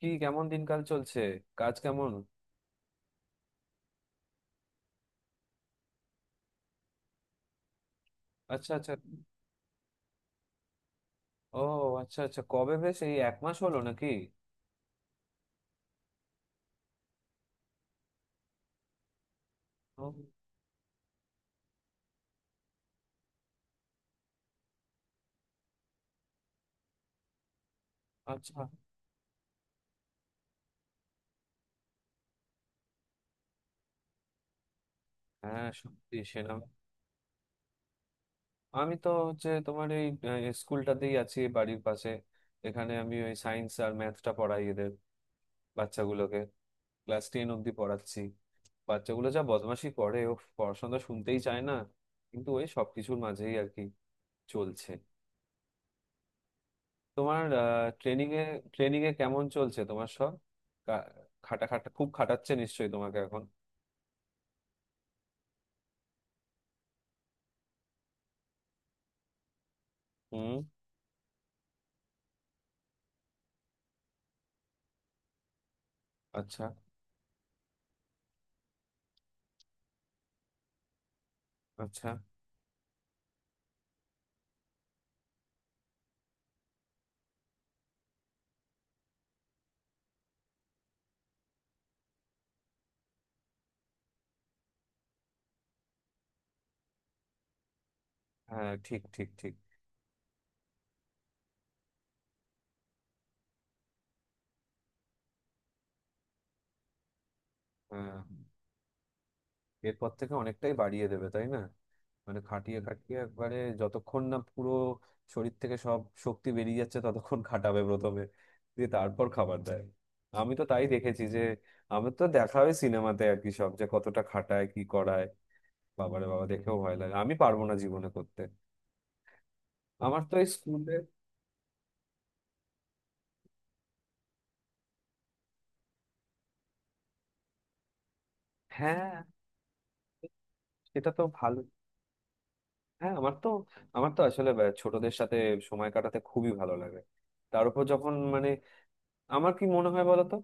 কি কেমন দিনকাল চলছে? কাজ কেমন? আচ্ছা আচ্ছা। ও আচ্ছা আচ্ছা, কবে, বেশ এই এক মাস হলো নাকি? ও আচ্ছা। হ্যাঁ সত্যি সেনা। আমি তো হচ্ছে তোমার এই স্কুলটাতেই আছি বাড়ির পাশে। এখানে আমি ওই সায়েন্স আর ম্যাথটা পড়াই এদের, বাচ্চাগুলোকে। ক্লাস 10 অব্দি পড়াচ্ছি। বাচ্চাগুলো যা বদমাশি করে, ও পড়াশোনা শুনতেই চায় না। কিন্তু ওই সবকিছুর মাঝেই আর কি, চলছে। তোমার ট্রেনিং এ, ট্রেনিং এ কেমন চলছে তোমার সব? কা- খাটা খাটা খুব খাটাচ্ছে নিশ্চয়ই তোমাকে এখন? হুম। আচ্ছা আচ্ছা। হ্যাঁ ঠিক ঠিক ঠিক। হ্যাঁ এরপর থেকে অনেকটাই বাড়িয়ে দেবে তাই না? মানে খাটিয়ে খাটিয়ে একবারে যতক্ষণ না পুরো শরীর থেকে সব শক্তি বেরিয়ে যাচ্ছে ততক্ষণ খাটাবে প্রথমে, দিয়ে তারপর খাবার দেয়। আমি তো তাই দেখেছি যে, আমি তো দেখা হয় সিনেমাতে আর কি, সব যে কতটা খাটায় কি করায়। বাবারে বাবা দেখেও ভয় লাগে, আমি পারবো না জীবনে করতে। আমার তো এই স্কুলে। হ্যাঁ সেটা তো ভালো। হ্যাঁ আমার তো আসলে ছোটদের সাথে সময় কাটাতে খুবই ভালো লাগে। তার উপর যখন মানে, আমার কি মনে হয় বলতো,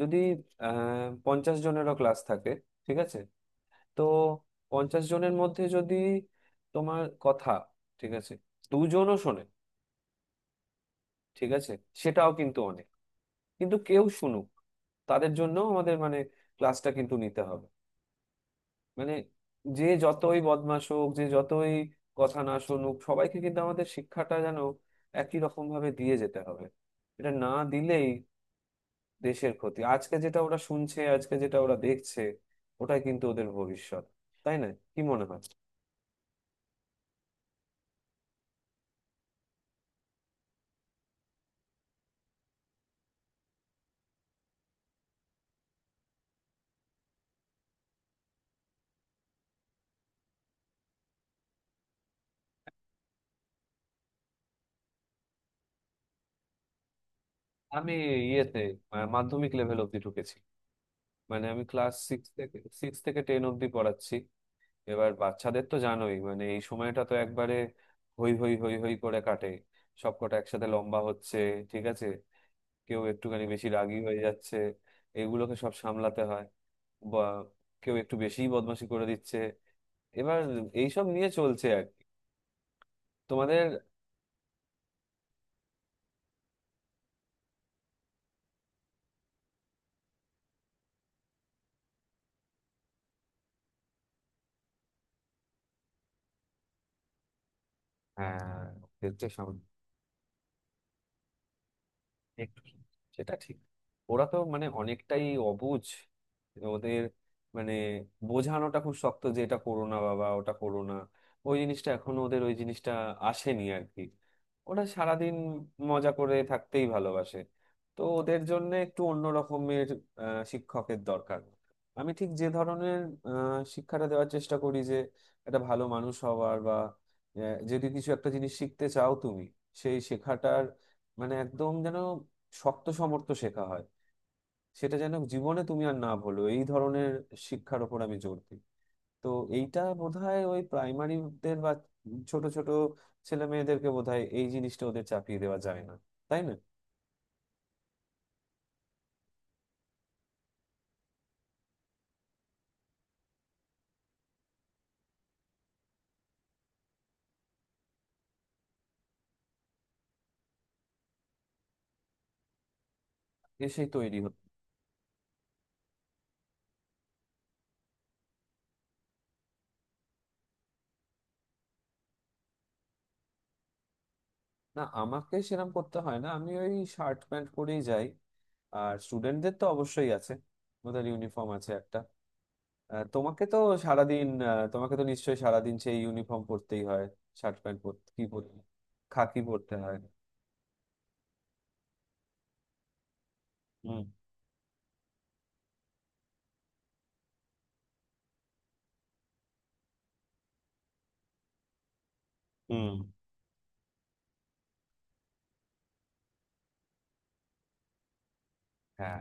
যদি 50 জনেরও ক্লাস থাকে, ঠিক আছে, তো 50 জনের মধ্যে যদি, তোমার কথা, ঠিক আছে, দুজনও শোনে, ঠিক আছে, সেটাও কিন্তু অনেক। কিন্তু কেউ শুনুক, তাদের জন্য আমাদের মানে ক্লাসটা কিন্তু নিতে হবে। মানে যে যতই বদমাশ হোক, যে যতই কথা না শুনুক, সবাইকে কিন্তু আমাদের শিক্ষাটা যেন একই রকম ভাবে দিয়ে যেতে হবে। এটা না দিলেই দেশের ক্ষতি। আজকে যেটা ওরা শুনছে, আজকে যেটা ওরা দেখছে, ওটাই কিন্তু ওদের ভবিষ্যৎ, তাই না? কি মনে হয়? আমি ইয়েতে, মাধ্যমিক লেভেল অব্দি ঢুকেছি। মানে আমি ক্লাস সিক্স থেকে 10 অব্দি পড়াচ্ছি। এবার বাচ্চাদের তো জানোই মানে, এই সময়টা তো একবারে হই হই হই হই করে কাটে। সবকটা একসাথে লম্বা হচ্ছে, ঠিক আছে, কেউ একটুখানি বেশি রাগী হয়ে যাচ্ছে, এগুলোকে সব সামলাতে হয়, বা কেউ একটু বেশিই বদমাশি করে দিচ্ছে। এবার এইসব নিয়ে চলছে আর কি, তোমাদের। হ্যাঁ, একটু। সেটা ঠিক। ওরা তো মানে অনেকটাই অবুঝ, ওদের মানে বোঝানোটা খুব শক্ত যে এটা করো না বাবা, ওটা করো না। ওই জিনিসটা এখনো ওদের, ওই জিনিসটা আসেনি আর কি। ওরা সারাদিন মজা করে থাকতেই ভালোবাসে। তো ওদের জন্য একটু অন্য রকমের শিক্ষকের দরকার। আমি ঠিক যে ধরনের শিক্ষাটা দেওয়ার চেষ্টা করি, যে একটা ভালো মানুষ হওয়ার, বা যদি কিছু একটা জিনিস শিখতে চাও তুমি, সেই শেখাটার মানে একদম যেন শক্ত সমর্থ শেখা হয়, সেটা যেন জীবনে তুমি আর না ভুলো, এই ধরনের শিক্ষার ওপর আমি জোর দিই। তো এইটা বোধহয় ওই প্রাইমারিদের বা ছোট ছোট ছেলে মেয়েদেরকে বোধহয় এই জিনিসটা ওদের চাপিয়ে দেওয়া যায় না, তাই না? এসেই তৈরি হতো। না আমাকে সেরকম করতে হয় না, আমি ওই শার্ট প্যান্ট পরেই যাই। আর স্টুডেন্টদের তো অবশ্যই আছে, ওদের ইউনিফর্ম আছে একটা। তোমাকে তো সারাদিন, তোমাকে তো নিশ্চয়ই সারাদিন সেই ইউনিফর্ম পরতেই হয়, শার্ট প্যান্ট পরতে কি পরতে, খাকি পরতে হয়। হুম। হুম। হ্যাঁ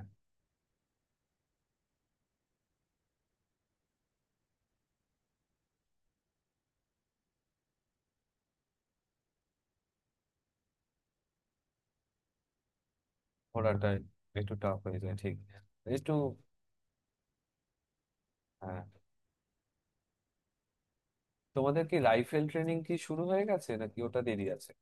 ঘোড়াটা একটু টাফ হয়ে যায়, ঠিক। একটু। হ্যাঁ তোমাদের কি রাইফেল ট্রেনিং কি শুরু হয়ে গেছে নাকি, ওটা দেরি আছে?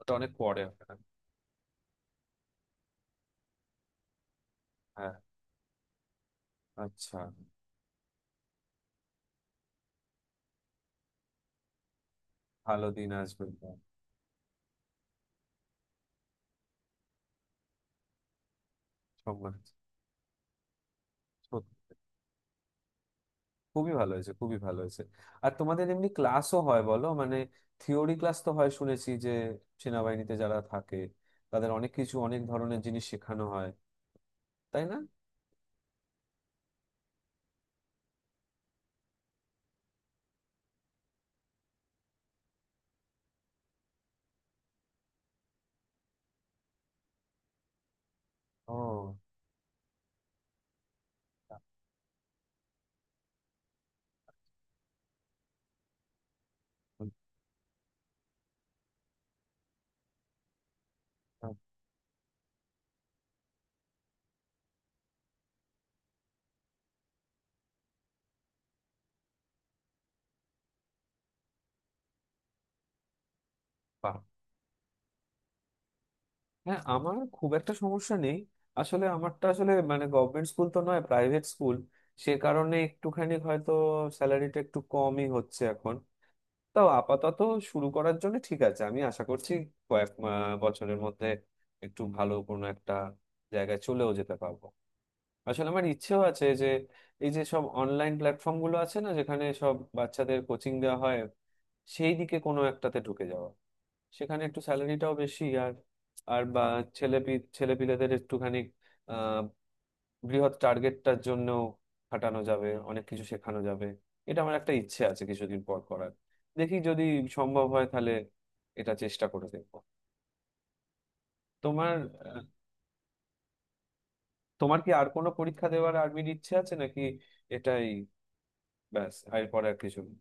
ওটা অনেক পরে হবে না? হ্যাঁ। আচ্ছা। ভালো দিন আসবে। সংবাদ। সত্যি। খুবই ভালো হয়েছে, খুবই ভালো হয়েছে। আর তোমাদের এমনি ক্লাসও হয় বলো মানে, থিওরি ক্লাস তো হয় শুনেছি, যে সেনাবাহিনীতে যারা থাকে তাদের অনেক কিছু, অনেক ধরনের জিনিস শেখানো হয়, তাই না? ও। বাহ। হ্যাঁ আমার খুব একটা সমস্যা নেই। আসলে আমারটা আসলে মানে গভর্নমেন্ট স্কুল তো নয়, প্রাইভেট স্কুল। সে কারণে একটুখানি হয়তো স্যালারিটা একটু কমই হচ্ছে এখন। তাও আপাতত শুরু করার জন্য ঠিক আছে। আমি আশা করছি কয়েক বছরের মধ্যে একটু ভালো কোনো একটা জায়গায় চলেও যেতে পারবো। আসলে আমার ইচ্ছেও আছে যে এই যে সব অনলাইন প্ল্যাটফর্ম গুলো আছে না, যেখানে সব বাচ্চাদের কোচিং দেওয়া হয়, সেই দিকে কোনো একটাতে ঢুকে যাওয়া। সেখানে একটু স্যালারিটাও বেশি, আর, আর বা ছেলে, ছেলেপিলেদের একটুখানি আহ বৃহৎ টার্গেটটার জন্য খাটানো যাবে, অনেক কিছু শেখানো যাবে। এটা আমার একটা ইচ্ছে আছে কিছুদিন পর করার। দেখি যদি সম্ভব হয় তাহলে এটা চেষ্টা করে দেখবো। তোমার, আহ, তোমার কি আর কোনো পরীক্ষা দেওয়ার আর্মির ইচ্ছে আছে নাকি? এটাই? ব্যাস এরপরে আর কিছু না?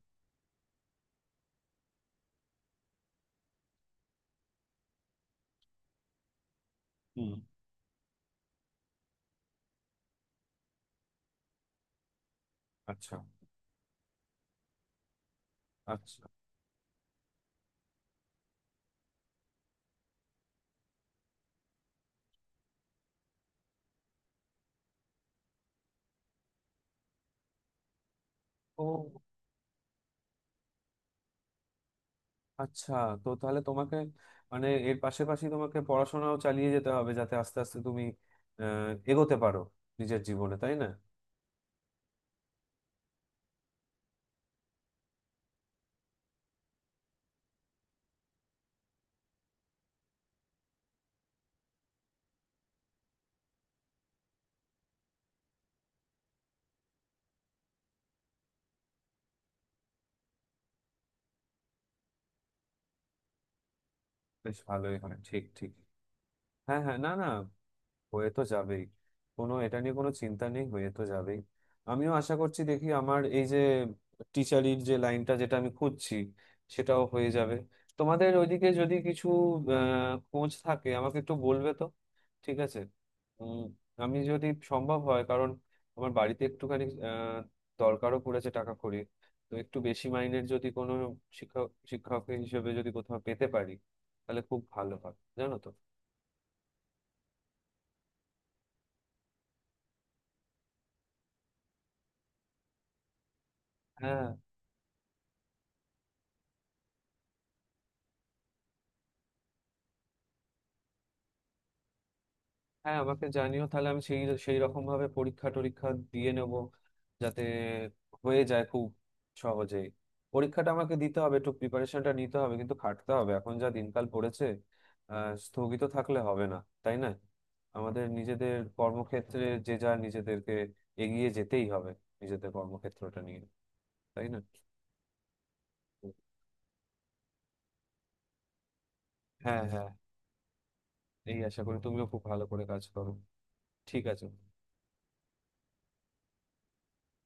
হুম। আচ্ছা। আচ্ছা। ও আচ্ছা। তো তাহলে তোমাকে, মানে এর পাশাপাশি তোমাকে পড়াশোনাও চালিয়ে যেতে হবে, যাতে আস্তে আস্তে তুমি এগোতে পারো নিজের জীবনে, তাই না? বেশ ভালোই হয়, ঠিক ঠিক। হ্যাঁ হ্যাঁ, না না, হয়ে তো যাবেই। কোনো, এটা নিয়ে কোনো চিন্তা নেই, হয়ে তো যাবেই। আমিও আশা করছি, দেখি আমার এই যে টিচারির যে লাইনটা যেটা আমি খুঁজছি, সেটাও হয়ে যাবে। তোমাদের ওইদিকে যদি কিছু খোঁজ থাকে আমাকে একটু বলবে তো। ঠিক আছে। উম, আমি যদি সম্ভব হয়, কারণ আমার বাড়িতে একটুখানি দরকারও পড়েছে টাকা কড়ি। তো একটু বেশি মাইনের যদি কোনো শিক্ষক শিক্ষক হিসেবে যদি কোথাও পেতে পারি তাহলে খুব ভালো হয় জানো তো। হ্যাঁ হ্যাঁ আমাকে জানিও, তাহলে আমি সেই সেই রকম ভাবে পরীক্ষা টরীক্ষা দিয়ে নেব, যাতে হয়ে যায় খুব সহজেই। পরীক্ষাটা আমাকে দিতে হবে, একটু প্রিপারেশনটা নিতে হবে, কিন্তু খাটতে হবে এখন যা দিনকাল পড়েছে। স্থগিত থাকলে হবে না, তাই না? আমাদের নিজেদের কর্মক্ষেত্রে যে যা নিজেদেরকে এগিয়ে যেতেই হবে, নিজেদের কর্মক্ষেত্রটা নিয়ে, তাই না? হ্যাঁ হ্যাঁ। এই আশা করি তুমিও খুব ভালো করে কাজ করো। ঠিক আছে।